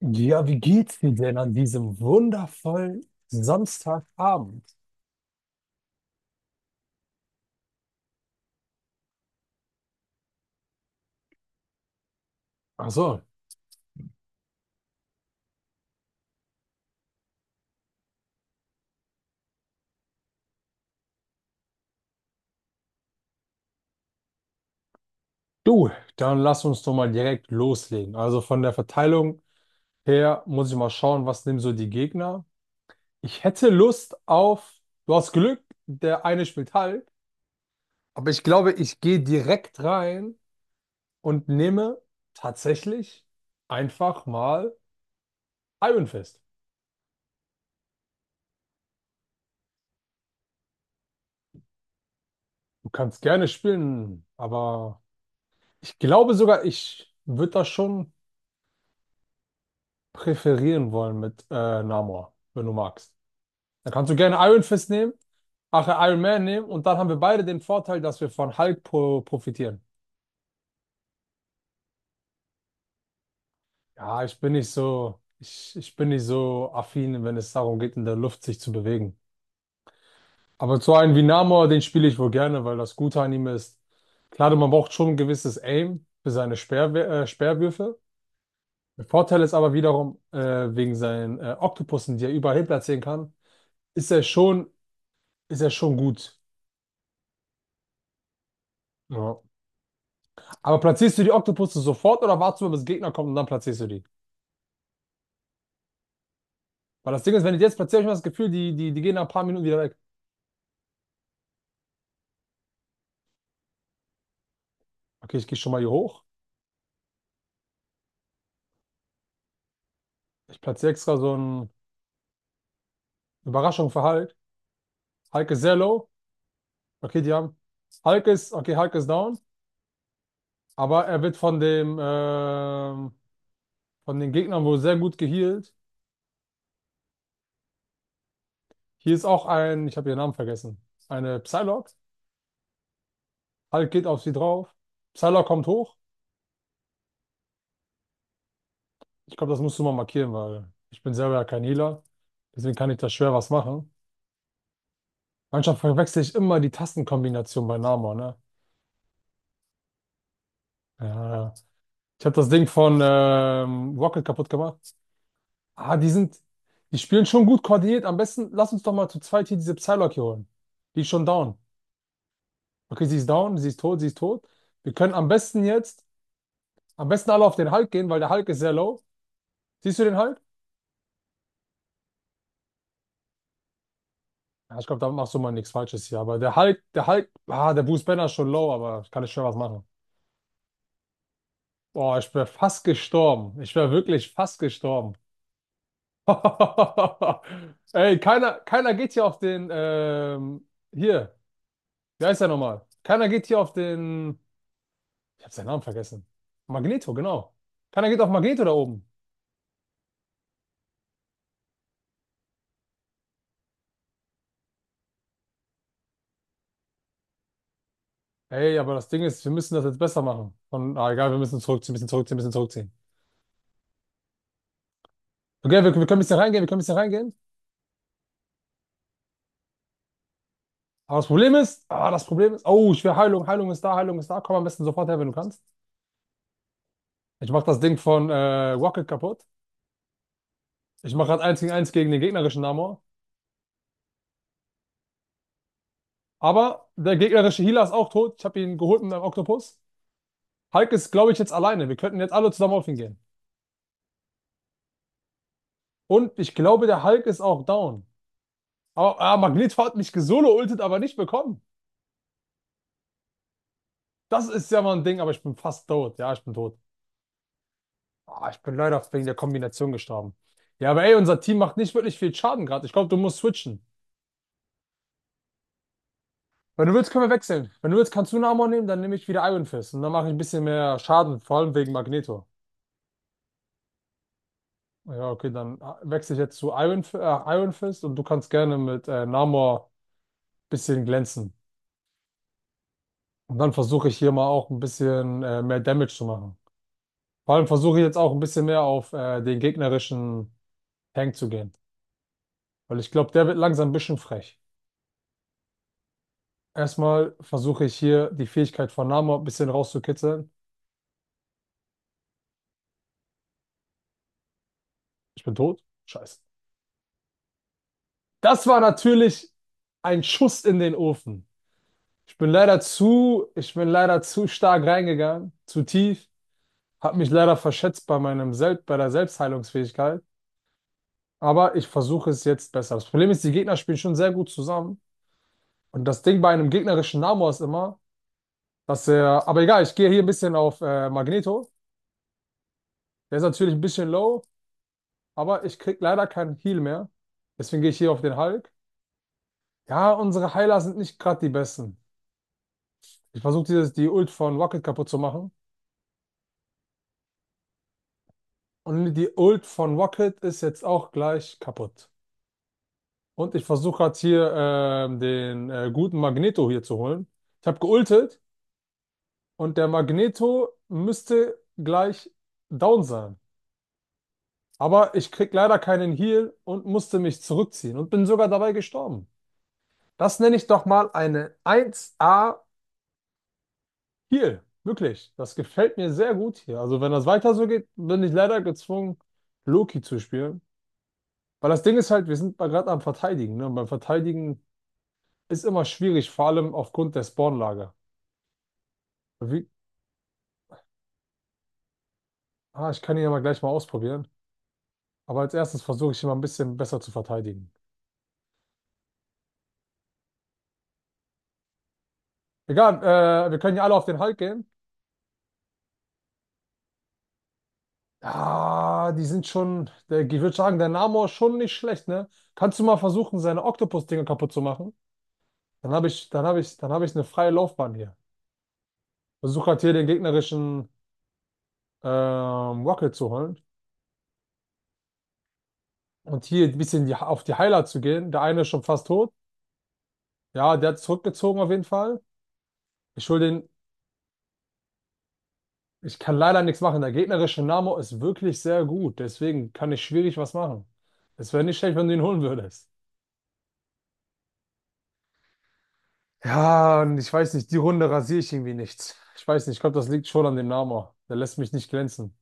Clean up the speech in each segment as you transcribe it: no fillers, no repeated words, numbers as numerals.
Ja, wie geht's dir denn an diesem wundervollen Samstagabend? Ach so, du, dann lass uns doch mal direkt loslegen. Also von der Verteilung her muss ich mal schauen, was nehmen so die Gegner. Ich hätte Lust auf, du hast Glück, der eine spielt Hulk, aber ich glaube, ich gehe direkt rein und nehme tatsächlich einfach mal Iron Fist. Du kannst gerne spielen, aber ich glaube sogar, ich würde da schon präferieren wollen mit Namor, wenn du magst. Dann kannst du gerne Iron Fist nehmen, ach, Iron Man nehmen und dann haben wir beide den Vorteil, dass wir von Hulk pro profitieren. Ja, ich bin nicht so, ich bin nicht so affin, wenn es darum geht, in der Luft sich zu bewegen. Aber so einen wie Namor, den spiele ich wohl gerne, weil das Gute an ihm ist, klar, man braucht schon ein gewisses Aim für seine Speer, Speerwürfe. Der Vorteil ist aber wiederum, wegen seinen Oktopussen, die er überall hin platzieren kann, ist er schon, ist er schon gut. Ja. Aber platzierst du die Oktopusse sofort oder wartest du mal, bis Gegner kommt und dann platzierst du die? Weil das Ding ist, wenn ich die jetzt platziere, habe ich immer das Gefühl, die gehen nach ein paar Minuten wieder weg. Okay, ich gehe schon mal hier hoch. Ich platziere extra so eine Überraschung für Hulk. Hulk ist sehr low. Okay, die haben. Hulk ist, okay, Hulk ist down. Aber er wird von dem, von den Gegnern wohl sehr gut gehealt. Hier ist auch ein, ich habe ihren Namen vergessen. Eine Psylocke. Hulk geht auf sie drauf. Psylocke kommt hoch. Ich glaube, das musst du mal markieren, weil ich bin selber ja kein Healer. Deswegen kann ich da schwer was machen. Manchmal verwechsel ich immer die Tastenkombination bei Nama, ne? Ja, ja, ja. Ich habe das Ding von Rocket kaputt gemacht. Ah, die spielen schon gut koordiniert. Am besten lass uns doch mal zu zweit hier diese Psylocke hier holen. Die ist schon down. Okay, sie ist down, sie ist tot, sie ist tot. Wir können am besten jetzt, Am besten alle auf den Hulk gehen, weil der Hulk ist sehr low. Siehst du den Hulk? Ja, ich glaube, da machst du mal nichts Falsches hier. Aber der Hulk, ah, der Bruce Banner ist schon low, aber ich kann nicht schwer was machen. Boah, ich wäre fast gestorben. Ich wäre wirklich fast gestorben. Ey, keiner, keiner geht hier auf den, hier, wie heißt er nochmal? Keiner geht hier auf den, ich habe seinen Namen vergessen. Magneto, genau. Keiner geht auf Magneto da oben. Ey, aber das Ding ist, wir müssen das jetzt besser machen. Und, ah, egal, wir müssen zurückziehen, bisschen zurückziehen, bisschen zurückziehen. Okay, wir können ein bisschen reingehen, wir können ein bisschen reingehen. Aber das Problem ist, ah, das Problem ist, oh, ich will Heilung, Heilung ist da, Heilung ist da. Komm am besten sofort her, wenn du kannst. Ich mach das Ding von Rocket kaputt. Ich mache gerade 1 gegen 1 gegen den gegnerischen Namor. Aber der gegnerische Healer ist auch tot. Ich habe ihn geholt mit einem Oktopus. Hulk ist, glaube ich, jetzt alleine. Wir könnten jetzt alle zusammen auf ihn gehen. Und ich glaube, der Hulk ist auch down. Aber ah, Magneto hat mich gesolo-ultet, aber nicht bekommen. Das ist ja mal ein Ding, aber ich bin fast tot. Ja, ich bin tot. Ah, ich bin leider wegen der Kombination gestorben. Ja, aber ey, unser Team macht nicht wirklich viel Schaden gerade. Ich glaube, du musst switchen. Wenn du willst, können wir wechseln. Wenn du willst, kannst du einen Amor nehmen, dann nehme ich wieder Iron Fist. Und dann mache ich ein bisschen mehr Schaden, vor allem wegen Magneto. Ja, okay, dann wechsle ich jetzt zu Iron Fist und du kannst gerne mit Namor ein bisschen glänzen. Und dann versuche ich hier mal auch ein bisschen mehr Damage zu machen. Vor allem versuche ich jetzt auch ein bisschen mehr auf den gegnerischen Tank zu gehen. Weil ich glaube, der wird langsam ein bisschen frech. Erstmal versuche ich hier die Fähigkeit von Namor ein bisschen rauszukitzeln. Ich bin tot. Scheiße. Das war natürlich ein Schuss in den Ofen. Ich bin leider zu stark reingegangen, zu tief. Hab mich leider verschätzt bei meinem Sel bei der Selbstheilungsfähigkeit, aber ich versuche es jetzt besser. Das Problem ist, die Gegner spielen schon sehr gut zusammen. Und das Ding bei einem gegnerischen Namor ist immer, dass er, aber egal, ich gehe hier ein bisschen auf Magneto. Der ist natürlich ein bisschen low, aber ich krieg leider keinen Heal mehr. Deswegen gehe ich hier auf den Hulk. Ja, unsere Heiler sind nicht gerade die besten. Ich versuche dieses die Ult von Rocket kaputt zu machen. Und die Ult von Rocket ist jetzt auch gleich kaputt. Und ich versuche gerade hier den guten Magneto hier zu holen. Ich habe geultet und der Magneto müsste gleich down sein. Aber ich krieg leider keinen Heal und musste mich zurückziehen und bin sogar dabei gestorben. Das nenne ich doch mal eine 1A Heal. Wirklich. Das gefällt mir sehr gut hier. Also wenn das weiter so geht, bin ich leider gezwungen, Loki zu spielen. Weil das Ding ist halt, wir sind gerade am Verteidigen. Ne? Und beim Verteidigen ist immer schwierig, vor allem aufgrund der Spawnlage. Wie, ah, ich kann ihn aber gleich mal ausprobieren. Aber als erstes versuche ich ihn mal ein bisschen besser zu verteidigen. Egal, wir können ja alle auf den Hulk gehen. Ah, die sind schon, der, ich würde sagen, der Namor ist schon nicht schlecht, ne? Kannst du mal versuchen, seine Oktopus-Dinger kaputt zu machen? Dann habe ich eine freie Laufbahn hier. Versuche gerade hier den gegnerischen Rocket zu holen und hier ein bisschen die, auf die Heiler zu gehen. Der eine ist schon fast tot. Ja, der hat zurückgezogen auf jeden Fall. Ich hole den. Ich kann leider nichts machen. Der gegnerische Namo ist wirklich sehr gut. Deswegen kann ich schwierig was machen. Es wäre nicht schlecht, wenn du ihn holen würdest. Ja, und ich weiß nicht, die Runde rasiere ich irgendwie nicht. Ich weiß nicht, ich glaube, das liegt schon an dem Namo. Der lässt mich nicht glänzen.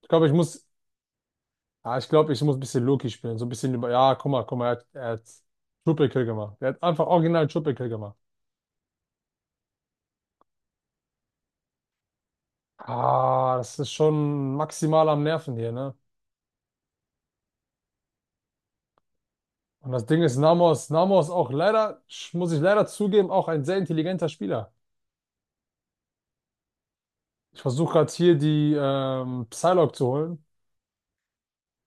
Ich glaube, ich muss, ja, ich glaube, ich muss ein bisschen Loki spielen. So ein bisschen über, ja, guck mal, er hat Triple Kill gemacht. Er hat einfach original Triple Kill gemacht. Ah, das ist schon maximal am Nerven hier, ne? Und das Ding ist, Namo ist auch leider, sch- muss ich leider zugeben, auch ein sehr intelligenter Spieler. Ich versuche gerade hier die Psylocke zu holen.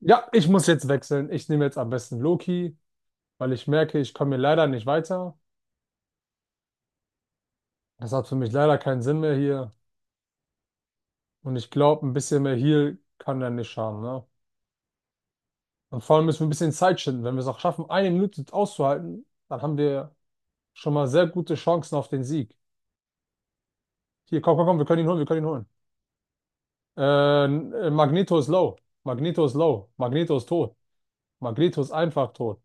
Ja, ich muss jetzt wechseln. Ich nehme jetzt am besten Loki, weil ich merke, ich komme hier leider nicht weiter. Das hat für mich leider keinen Sinn mehr hier. Und ich glaube, ein bisschen mehr Heal kann er nicht schaden. Ne? Und vor allem müssen wir ein bisschen Zeit schinden. Wenn wir es auch schaffen, eine Minute auszuhalten, dann haben wir schon mal sehr gute Chancen auf den Sieg. Hier, komm, komm, komm, wir können ihn holen, wir können ihn holen. Magneto ist low. Magneto ist low. Magneto ist tot. Magneto ist einfach tot.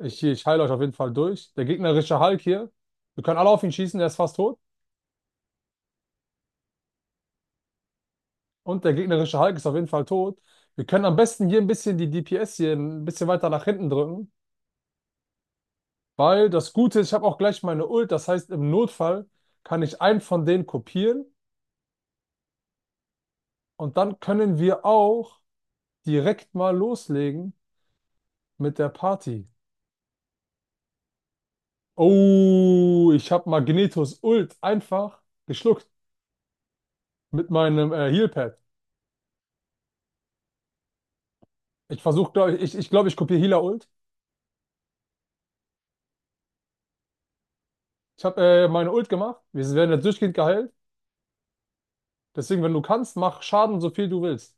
Ich heile euch auf jeden Fall durch. Der gegnerische Hulk hier, wir können alle auf ihn schießen, der ist fast tot. Und der gegnerische Hulk ist auf jeden Fall tot. Wir können am besten hier ein bisschen die DPS hier ein bisschen weiter nach hinten drücken, weil das Gute ist, ich habe auch gleich meine Ult. Das heißt, im Notfall kann ich einen von denen kopieren und dann können wir auch direkt mal loslegen mit der Party. Oh, ich habe Magnetos Ult einfach geschluckt mit meinem Healpad. Ich glaube, ich kopiere Healer-Ult. Ich habe meine Ult gemacht. Wir werden jetzt durchgehend geheilt. Deswegen, wenn du kannst, mach Schaden so viel du willst.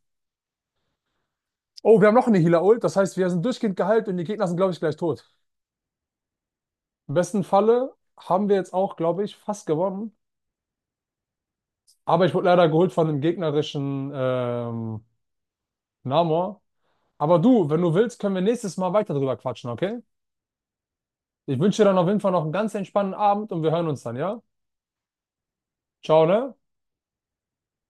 Oh, wir haben noch eine Healer-Ult. Das heißt, wir sind durchgehend geheilt und die Gegner sind, glaube ich, gleich tot. Im besten Falle haben wir jetzt auch, glaube ich, fast gewonnen. Aber ich wurde leider geholt von dem gegnerischen Namor. Aber du, wenn du willst, können wir nächstes Mal weiter drüber quatschen, okay? Ich wünsche dir dann auf jeden Fall noch einen ganz entspannten Abend und wir hören uns dann, ja? Ciao, ne?